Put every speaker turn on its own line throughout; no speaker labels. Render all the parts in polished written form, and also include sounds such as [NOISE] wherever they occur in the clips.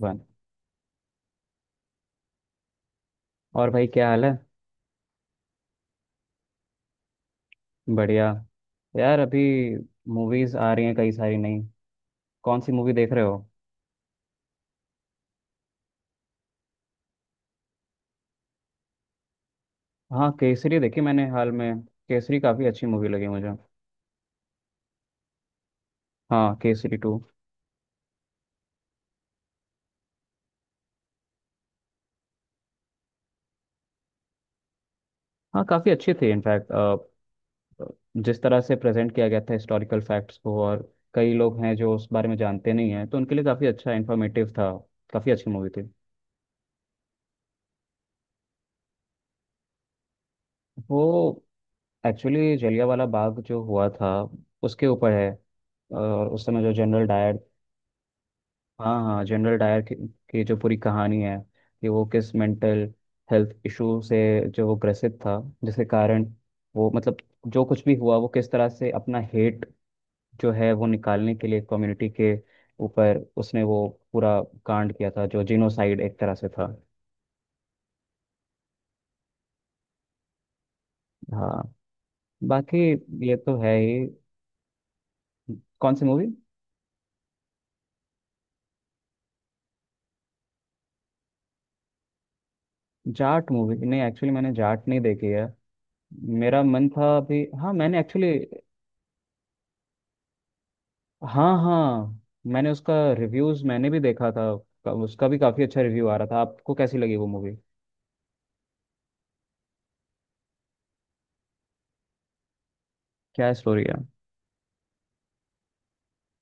One. और भाई क्या हाल है। बढ़िया। यार अभी मूवीज आ रही हैं कई सारी नई। कौन सी मूवी देख रहे हो। हाँ केसरी देखी मैंने हाल में। केसरी काफी अच्छी मूवी लगी मुझे। हाँ केसरी टू। हाँ काफी अच्छी थी इनफैक्ट। जिस तरह से प्रेजेंट किया गया था हिस्टोरिकल फैक्ट्स को, और कई लोग हैं जो उस बारे में जानते नहीं हैं तो उनके लिए काफी अच्छा इंफॉर्मेटिव था। काफी अच्छी मूवी थी। वो एक्चुअली जलियांवाला बाग जो हुआ था उसके ऊपर है। और उस समय जो जनरल डायर, हाँ हाँ, जनरल डायर की जो पूरी कहानी है कि वो किस मेंटल हेल्थ इशू से जो वो ग्रसित था, जिसके कारण वो मतलब जो कुछ भी हुआ वो किस तरह से अपना हेट जो है वो निकालने के लिए कम्युनिटी के ऊपर उसने वो पूरा कांड किया था जो जिनोसाइड एक तरह से था। हाँ। बाकी ये तो है ही। कौन सी मूवी। जाट मूवी नहीं, एक्चुअली मैंने जाट नहीं देखी है। मेरा मन था अभी, हाँ मैंने एक्चुअली, हाँ हाँ, मैंने उसका रिव्यूज मैंने भी देखा था। उसका भी काफी अच्छा रिव्यू आ रहा था। आपको कैसी लगी वो मूवी। क्या स्टोरी है।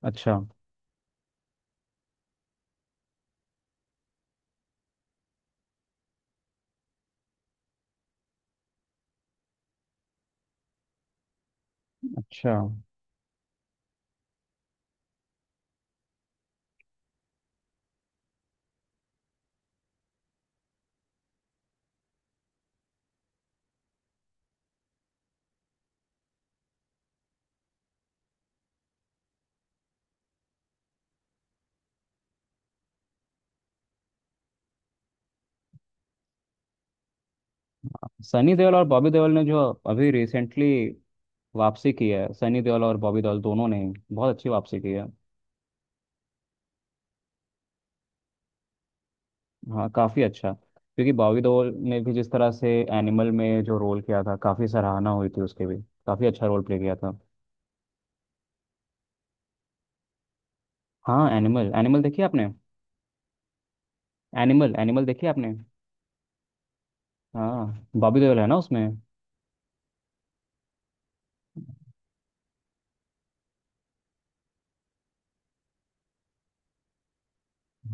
अच्छा। अच्छा। सनी देओल और बॉबी देओल ने जो अभी रिसेंटली वापसी की है, सनी देओल और बॉबी देओल दोनों ने बहुत अच्छी वापसी की है। हाँ काफी अच्छा, क्योंकि बॉबी देओल ने भी जिस तरह से एनिमल में जो रोल किया था काफी सराहना हुई थी उसके भी, काफी अच्छा रोल प्ले किया था। हाँ एनिमल, एनिमल देखी आपने। एनिमल, एनिमल देखी आपने। हाँ बॉबी देओल है ना उसमें।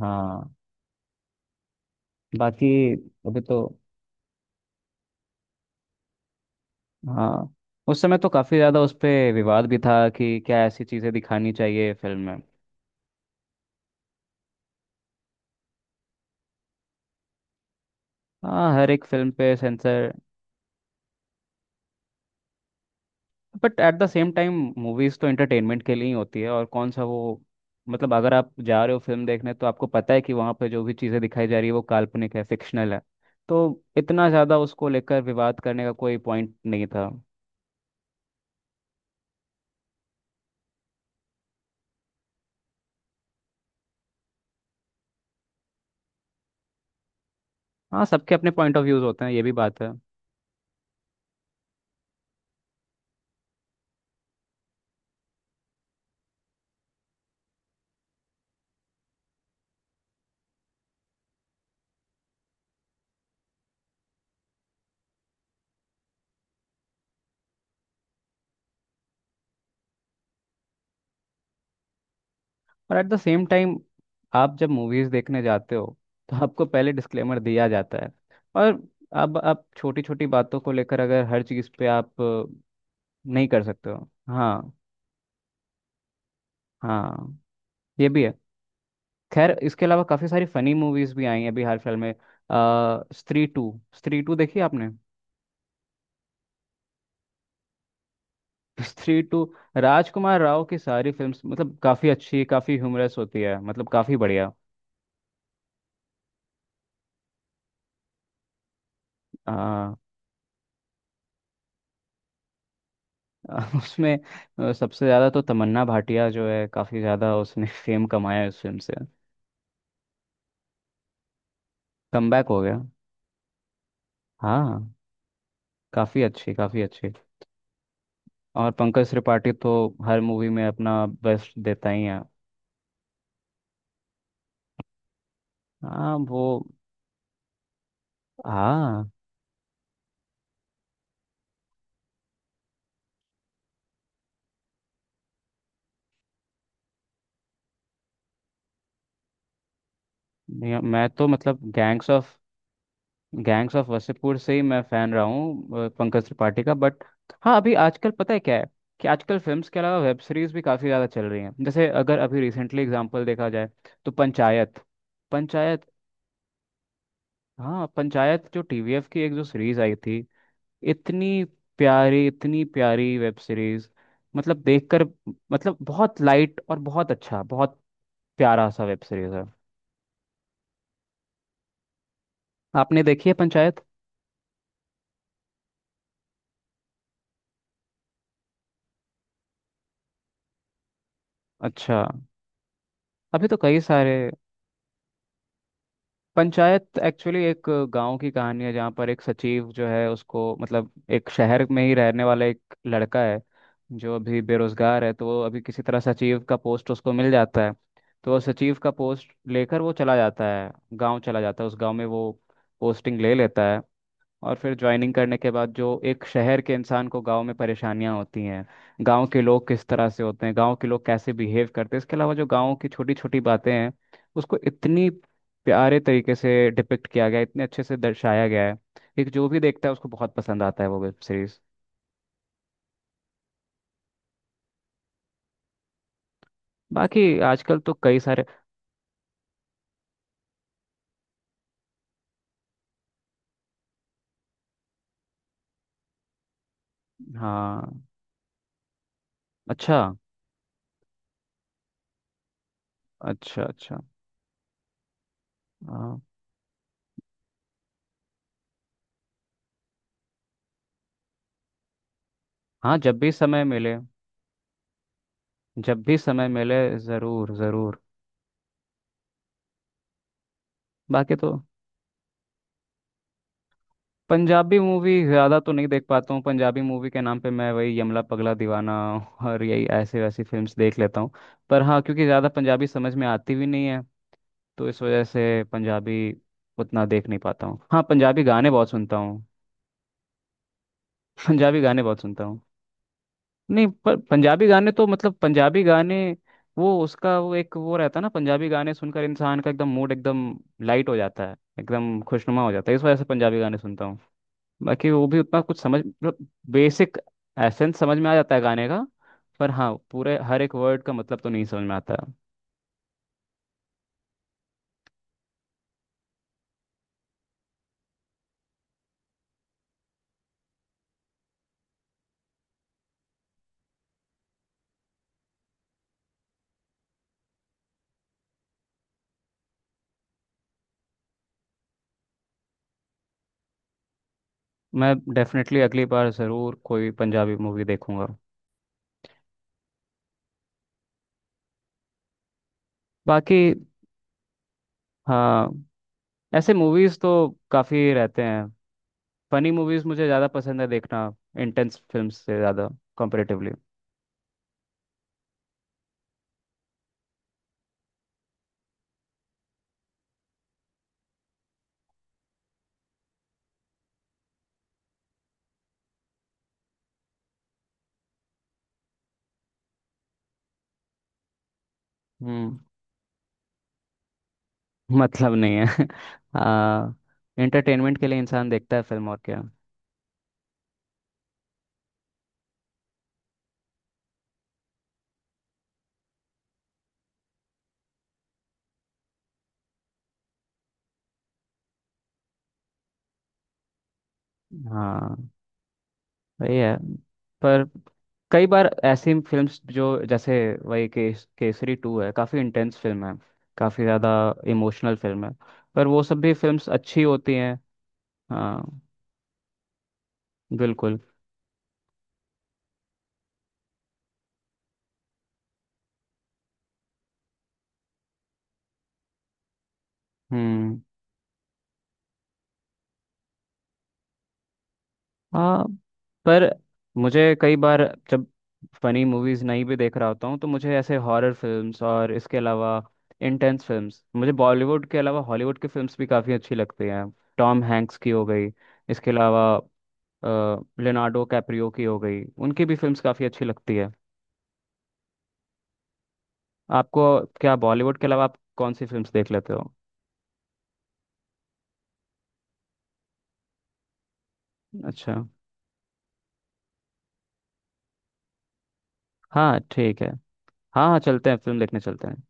हाँ। बाकी अभी तो, हाँ उस समय तो काफी ज्यादा उस पे विवाद भी था कि क्या ऐसी चीजें दिखानी चाहिए फिल्म में। हाँ हर एक फिल्म पे censor. But at the same time, movies तो एंटरटेनमेंट के लिए ही होती है, और कौन सा वो मतलब अगर आप जा रहे हो फिल्म देखने तो आपको पता है कि वहाँ पे जो भी चीजें दिखाई जा रही है वो काल्पनिक है, फिक्शनल है। तो इतना ज्यादा उसको लेकर विवाद करने का कोई पॉइंट नहीं था। हाँ सबके अपने पॉइंट ऑफ व्यूज होते हैं, ये भी बात है। और एट द सेम टाइम, आप जब मूवीज देखने जाते हो तो आपको पहले डिस्क्लेमर दिया जाता है, और अब आप छोटी छोटी बातों को लेकर अगर हर चीज़ पे आप नहीं कर सकते हो। हाँ। हाँ ये भी है। खैर इसके अलावा काफ़ी सारी फनी मूवीज भी आई हैं अभी हाल फिलहाल में। स्त्री टू, स्त्री टू देखी आपने। [LAUGHS] स्त्री टू, राजकुमार राव की सारी फिल्म्स मतलब काफ़ी अच्छी, काफ़ी ह्यूमरस होती है, मतलब काफ़ी बढ़िया। [LAUGHS] उसमें सबसे ज़्यादा तो तमन्ना भाटिया जो है काफ़ी ज़्यादा उसने [LAUGHS] फेम कमाया है उस फिल्म से। कमबैक हो गया। हाँ काफ़ी अच्छी, काफ़ी अच्छी। और पंकज त्रिपाठी तो हर मूवी में अपना बेस्ट देता ही है। हाँ वो, हाँ मैं तो मतलब gangs of, gangs of Wasseypur से ही मैं फ़ैन रहा हूँ पंकज त्रिपाठी का। बट हाँ अभी आजकल पता है क्या है कि आजकल फिल्म्स के अलावा वेब सीरीज भी काफ़ी ज़्यादा चल रही हैं। जैसे अगर अभी रिसेंटली एग्जांपल देखा जाए तो पंचायत, पंचायत, हाँ पंचायत जो टीवीएफ की एक जो सीरीज आई थी, इतनी प्यारी, इतनी प्यारी वेब सीरीज, मतलब देखकर, मतलब बहुत लाइट और बहुत अच्छा, बहुत प्यारा सा वेब सीरीज है। आपने देखी है पंचायत। अच्छा। अभी तो कई सारे, पंचायत एक्चुअली एक गांव की कहानी है जहाँ पर एक सचिव जो है उसको मतलब, एक शहर में ही रहने वाला एक लड़का है जो अभी बेरोजगार है, तो वो अभी किसी तरह सचिव का पोस्ट उसको मिल जाता है। तो वो सचिव का पोस्ट लेकर वो चला जाता है, गांव चला जाता है, उस गांव में वो पोस्टिंग ले लेता है। और फिर ज्वाइनिंग करने के बाद जो एक शहर के इंसान को गांव में परेशानियां होती हैं, गांव के लोग किस तरह से होते हैं, गांव के लोग कैसे बिहेव करते हैं, इसके अलावा जो गांव की छोटी छोटी बातें हैं, उसको इतनी प्यारे तरीके से डिपिक्ट किया गया है, इतने अच्छे से दर्शाया गया है कि जो भी देखता है उसको बहुत पसंद आता है वो वेब सीरीज। बाकी आजकल तो कई सारे। हाँ। अच्छा अच्छा अच्छा। हाँ हाँ, जब भी समय मिले, जब भी समय मिले ज़रूर ज़रूर। बाकी तो पंजाबी मूवी ज़्यादा तो नहीं देख पाता हूँ। पंजाबी मूवी के नाम पे मैं वही यमला पगला दीवाना और यही ऐसे वैसी फिल्म्स देख लेता हूँ। पर हाँ, क्योंकि ज़्यादा पंजाबी समझ में आती भी नहीं है, तो इस वजह से पंजाबी उतना देख नहीं पाता हूँ। हाँ पंजाबी गाने बहुत सुनता हूँ। [LAUGHS] पंजाबी गाने बहुत सुनता हूँ। नहीं पर पंजाबी गाने तो मतलब पंजाबी गाने, वो उसका वो एक वो रहता है ना, पंजाबी गाने सुनकर इंसान का एकदम मूड एकदम लाइट हो जाता है, एकदम खुशनुमा हो जाता है, इस वजह से पंजाबी गाने सुनता हूँ। बाकी वो भी उतना कुछ समझ मतलब, बेसिक एसेंस समझ में आ जाता है गाने का। पर हाँ पूरे हर एक वर्ड का मतलब तो नहीं समझ में आता। मैं डेफिनेटली अगली बार ज़रूर कोई पंजाबी मूवी देखूंगा। बाकी हाँ, ऐसे मूवीज़ तो काफ़ी रहते हैं। फनी मूवीज़ मुझे ज़्यादा पसंद है देखना, इंटेंस फिल्म से ज़्यादा, कंपेरेटिवली। हम्म। मतलब नहीं है। [LAUGHS] हाँ इंटरटेनमेंट के लिए इंसान देखता है फिल्म, और क्या। हाँ वही है। पर कई बार ऐसी फिल्म्स जो जैसे, वही केसरी टू है, काफ़ी इंटेंस फिल्म है, काफ़ी ज़्यादा इमोशनल फिल्म है, पर वो सब भी फिल्म्स अच्छी होती हैं। हाँ बिल्कुल। हम्म। हाँ पर मुझे कई बार जब फनी मूवीज़ नहीं भी देख रहा होता हूँ तो मुझे ऐसे हॉरर फिल्म्स और इसके अलावा इंटेंस फिल्म्स, मुझे बॉलीवुड के अलावा हॉलीवुड की फिल्म्स भी काफ़ी अच्छी लगती हैं। टॉम हैंक्स की हो गई, इसके अलावा लियोनार्डो कैप्रियो की हो गई, उनकी भी फिल्म्स काफ़ी अच्छी लगती है। आपको क्या बॉलीवुड के अलावा आप कौन सी फिल्म्स देख लेते हो। अच्छा। हाँ ठीक है। हाँ हाँ चलते हैं, फिल्म देखने चलते हैं।